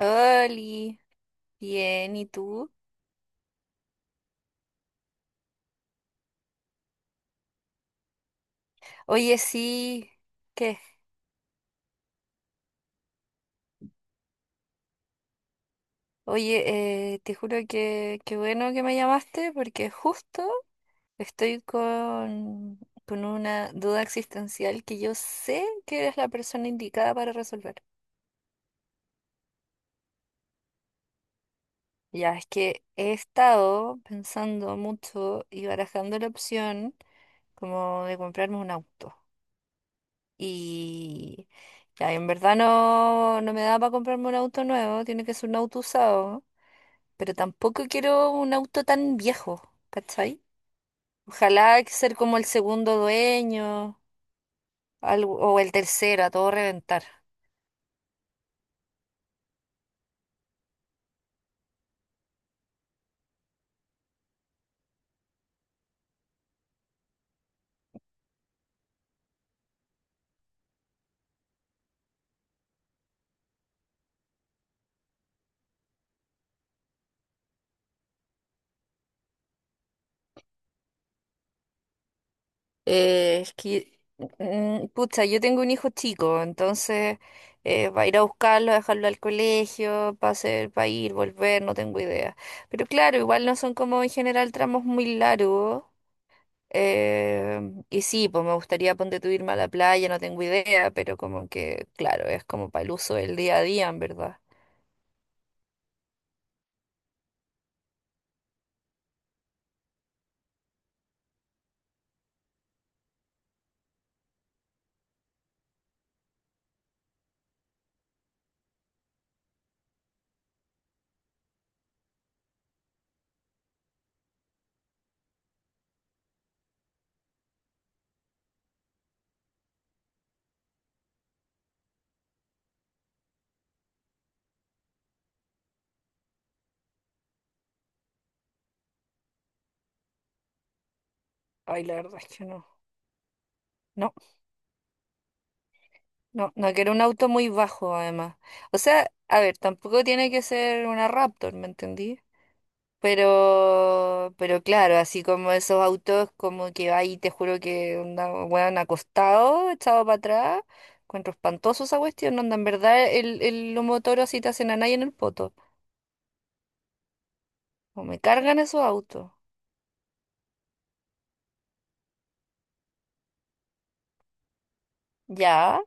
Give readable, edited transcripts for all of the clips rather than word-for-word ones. Oli, bien, ¿y tú? Oye, sí, ¿qué? Oye, te juro que qué bueno que me llamaste porque justo estoy con una duda existencial que yo sé que eres la persona indicada para resolver. Ya, es que he estado pensando mucho y barajando la opción como de comprarme un auto. Y ya, en verdad no, no me da para comprarme un auto nuevo, tiene que ser un auto usado. Pero tampoco quiero un auto tan viejo, ¿cachai? Ojalá que ser como el segundo dueño o el tercero, a todo reventar. Es que, pucha, yo tengo un hijo chico, entonces va a ir a buscarlo, a dejarlo al colegio, va a hacer, va a ir, volver, no tengo idea. Pero claro, igual no son como en general tramos muy largos. eh, y sí, pues me gustaría ponte tú irme a la playa, no tengo idea, pero como que, claro, es como para el uso del día a día, en verdad. Ay, la verdad es que no. No, no, no quiero un auto muy bajo, además. O sea, a ver, tampoco tiene que ser una Raptor, ¿me entendí? Pero claro, así como esos autos, como que ahí te juro que onda, weón, acostado, echado para atrás. Encuentro espantoso esa cuestión, onda, en verdad los motoros así te hacen a nadie en el poto. O me cargan esos autos. Ya.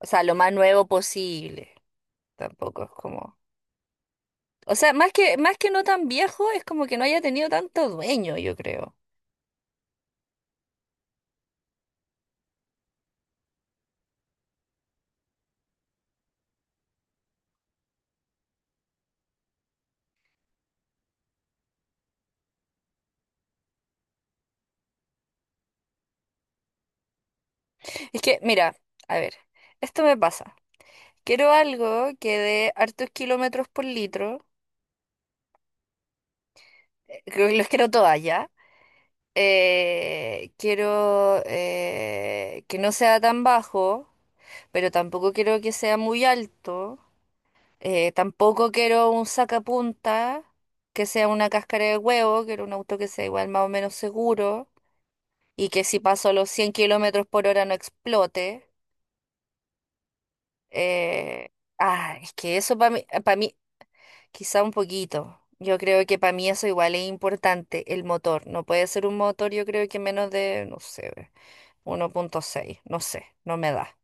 O sea, lo más nuevo posible. Tampoco es como. O sea, más que no tan viejo, es como que no haya tenido tanto dueño, yo creo. Es que, mira, a ver, esto me pasa. Quiero algo que dé hartos kilómetros por litro. Creo que los quiero todas ya. Quiero que no sea tan bajo, pero tampoco quiero que sea muy alto. Tampoco quiero un sacapunta que sea una cáscara de huevo. Quiero un auto que sea igual más o menos seguro, y que si paso los 100 kilómetros por hora no explote. eh, es que eso para mí, quizá un poquito. Yo creo que para mí eso igual es importante, el motor. No puede ser un motor, yo creo que menos de, no sé, 1.6, no sé, no me da.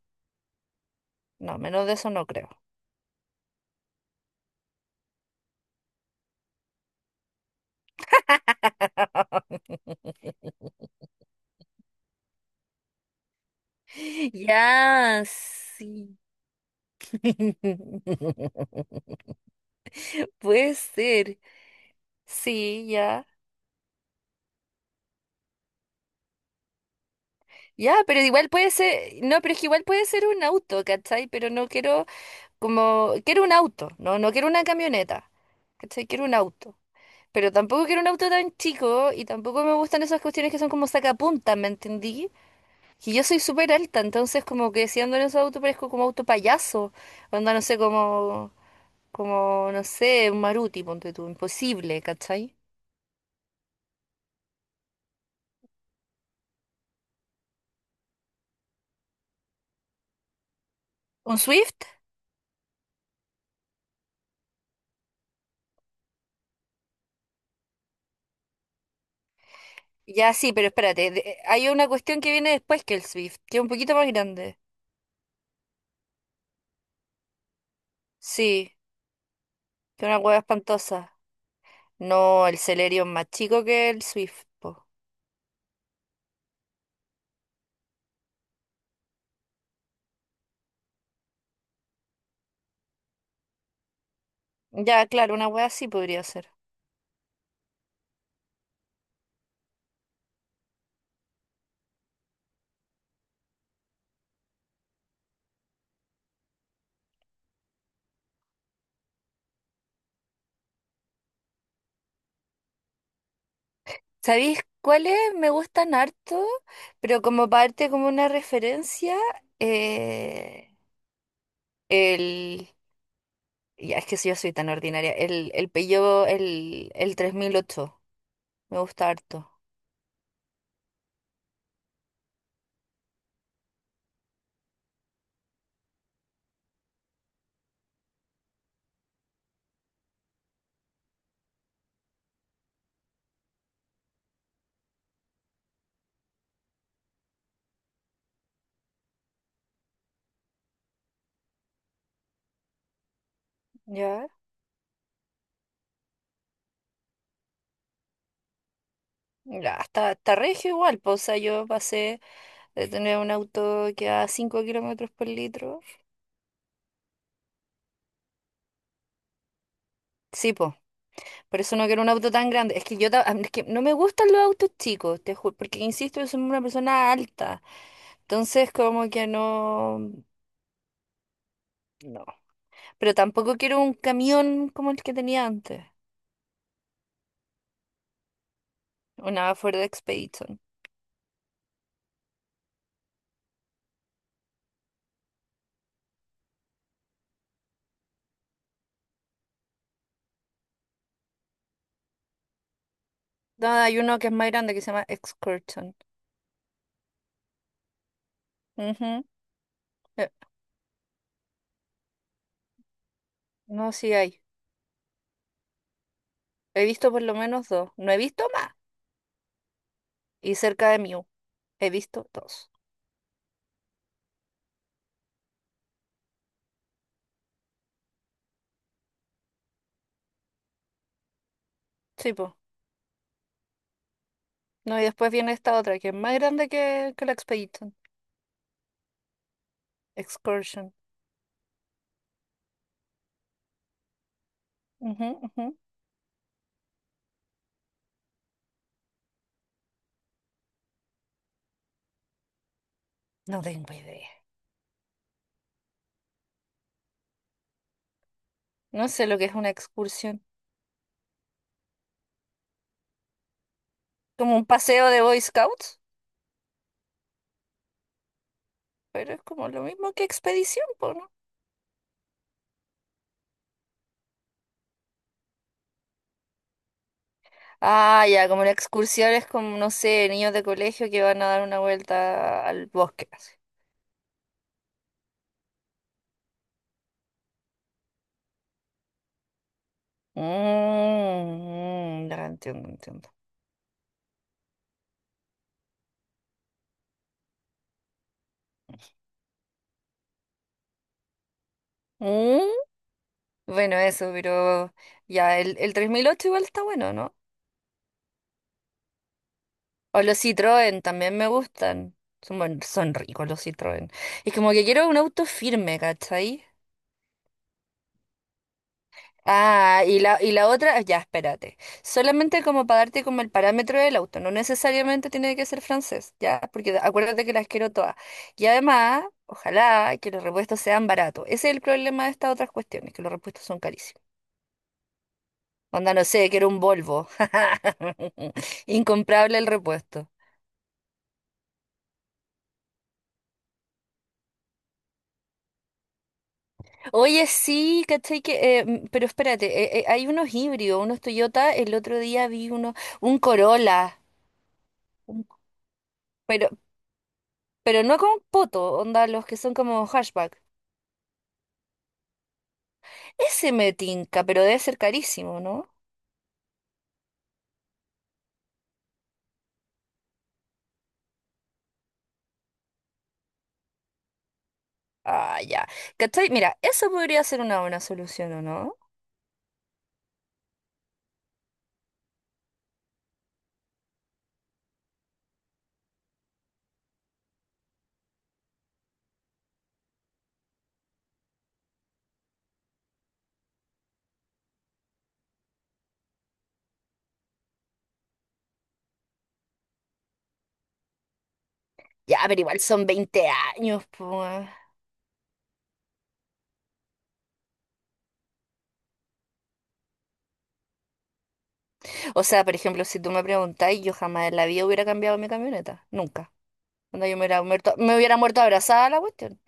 No, menos de eso no creo. Ya, sí. Puede ser, sí, ya. Ya, pero igual puede ser, no, pero es que igual puede ser un auto, ¿cachai? Pero no quiero como quiero un auto, no, no quiero una camioneta, ¿cachai? Quiero un auto. Pero tampoco quiero un auto tan chico y tampoco me gustan esas cuestiones que son como sacapuntas, ¿me entendí? Y yo soy súper alta, entonces como que si ando en esos autos parezco como auto payaso, onda no sé, como, como, no sé, un Maruti, ponte tú, imposible, ¿cachai? ¿Un Swift? Ya sí, pero espérate, hay una cuestión que viene después que el Swift, que es un poquito más grande. Sí, que es una hueá espantosa. No, el Celerio es más chico que el Swift, po. Ya, claro, una wea así podría ser. ¿Sabéis cuáles me gustan harto? Pero como parte, como una referencia, eh, el... Ya, es que si yo soy tan ordinaria. El Peugeot, el 3008. Me gusta harto. Ya. Ya, está, está regio igual, pues, o sea, yo pasé de tener un auto que a 5 kilómetros por litro. Sí, pues, por eso no quiero un auto tan grande. Es que es que no me gustan los autos chicos, te juro, porque insisto, yo soy una persona alta. Entonces, como que no, no. Pero tampoco quiero un camión como el que tenía antes, una Ford Expedition. No, hay uno que es más grande que se llama Excursion. Ujú. Eh, No, sí hay. He visto por lo menos dos. No he visto más. Y cerca de Mew he visto dos. Sí, pues. No, y después viene esta otra que es más grande que la Expedition. Excursion. Ujú, ujú. No tengo idea. No sé lo que es una excursión. ¿Como un paseo de Boy Scouts? Pero es como lo mismo que expedición, po, ¿no? Ah, ya, como una excursión es como, no sé, niños de colegio que van a dar una vuelta al bosque, así. Mm, ya entiendo, entiendo. Mm, bueno, eso, pero ya, el 3008 igual está bueno, ¿no? O los Citroën también me gustan. Son, buen- son ricos los Citroën. Es como que quiero un auto firme, ¿cachai? Ah, y la otra, ya, espérate. Solamente como para darte como el parámetro del auto, no necesariamente tiene que ser francés, ya, porque acuérdate que las quiero todas. Y además, ojalá que los repuestos sean baratos. Ese es el problema de estas otras cuestiones, que los repuestos son carísimos. Onda, no sé, quiero un Volvo. Incomprable el repuesto. Oye, sí, ¿cachai? Que, pero espérate, hay unos híbridos, unos Toyota, el otro día vi uno, un Corolla. un- Pero no con poto, onda, los que son como hashback. Ese me tinca, pero debe ser carísimo, ¿no? Ah, ya. ¿Cachai? Mira, eso podría ser una buena solución, ¿o no? Ya, pero igual son 20 años, pues. O sea, por ejemplo, si tú me preguntáis, yo jamás en la vida hubiera cambiado mi camioneta. Nunca. Onda, yo me hubiera muerto abrazada a la cuestión.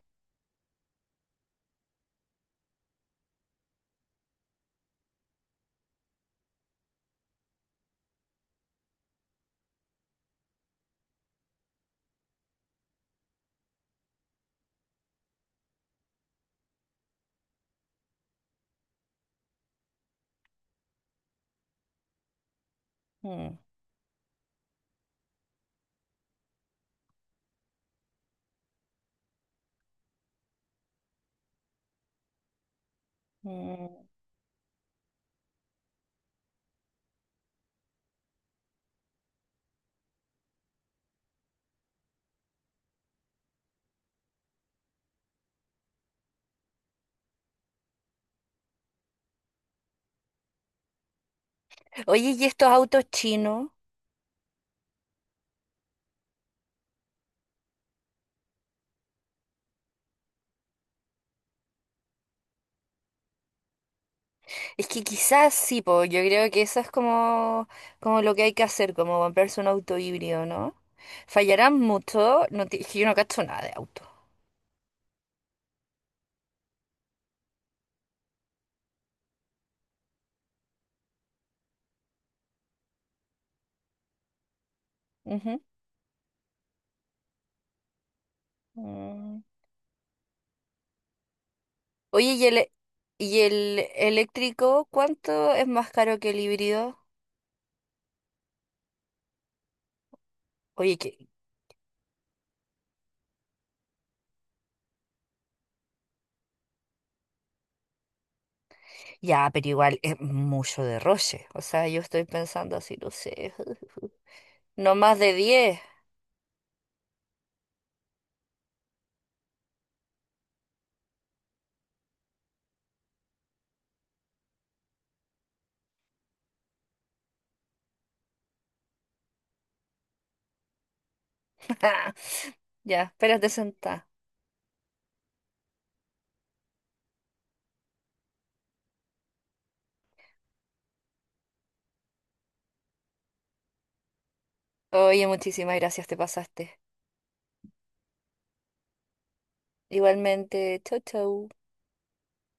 Mm, mm. Oye, ¿y estos autos chinos? Es que quizás sí, po, yo creo que eso es como, como lo que hay que hacer, como comprarse un auto híbrido, ¿no? Fallarán mucho, no ti- es que yo no cacho nada de auto. Ujú. Mm. Oye, ¿y el eléctrico cuánto es más caro que el híbrido? Oye, que ya, pero igual es mucho derroche. O sea, yo estoy pensando así, no sé, no más de diez. Ya, espérate sentada. Oye, muchísimas gracias, te pasaste. Igualmente, chau, chau.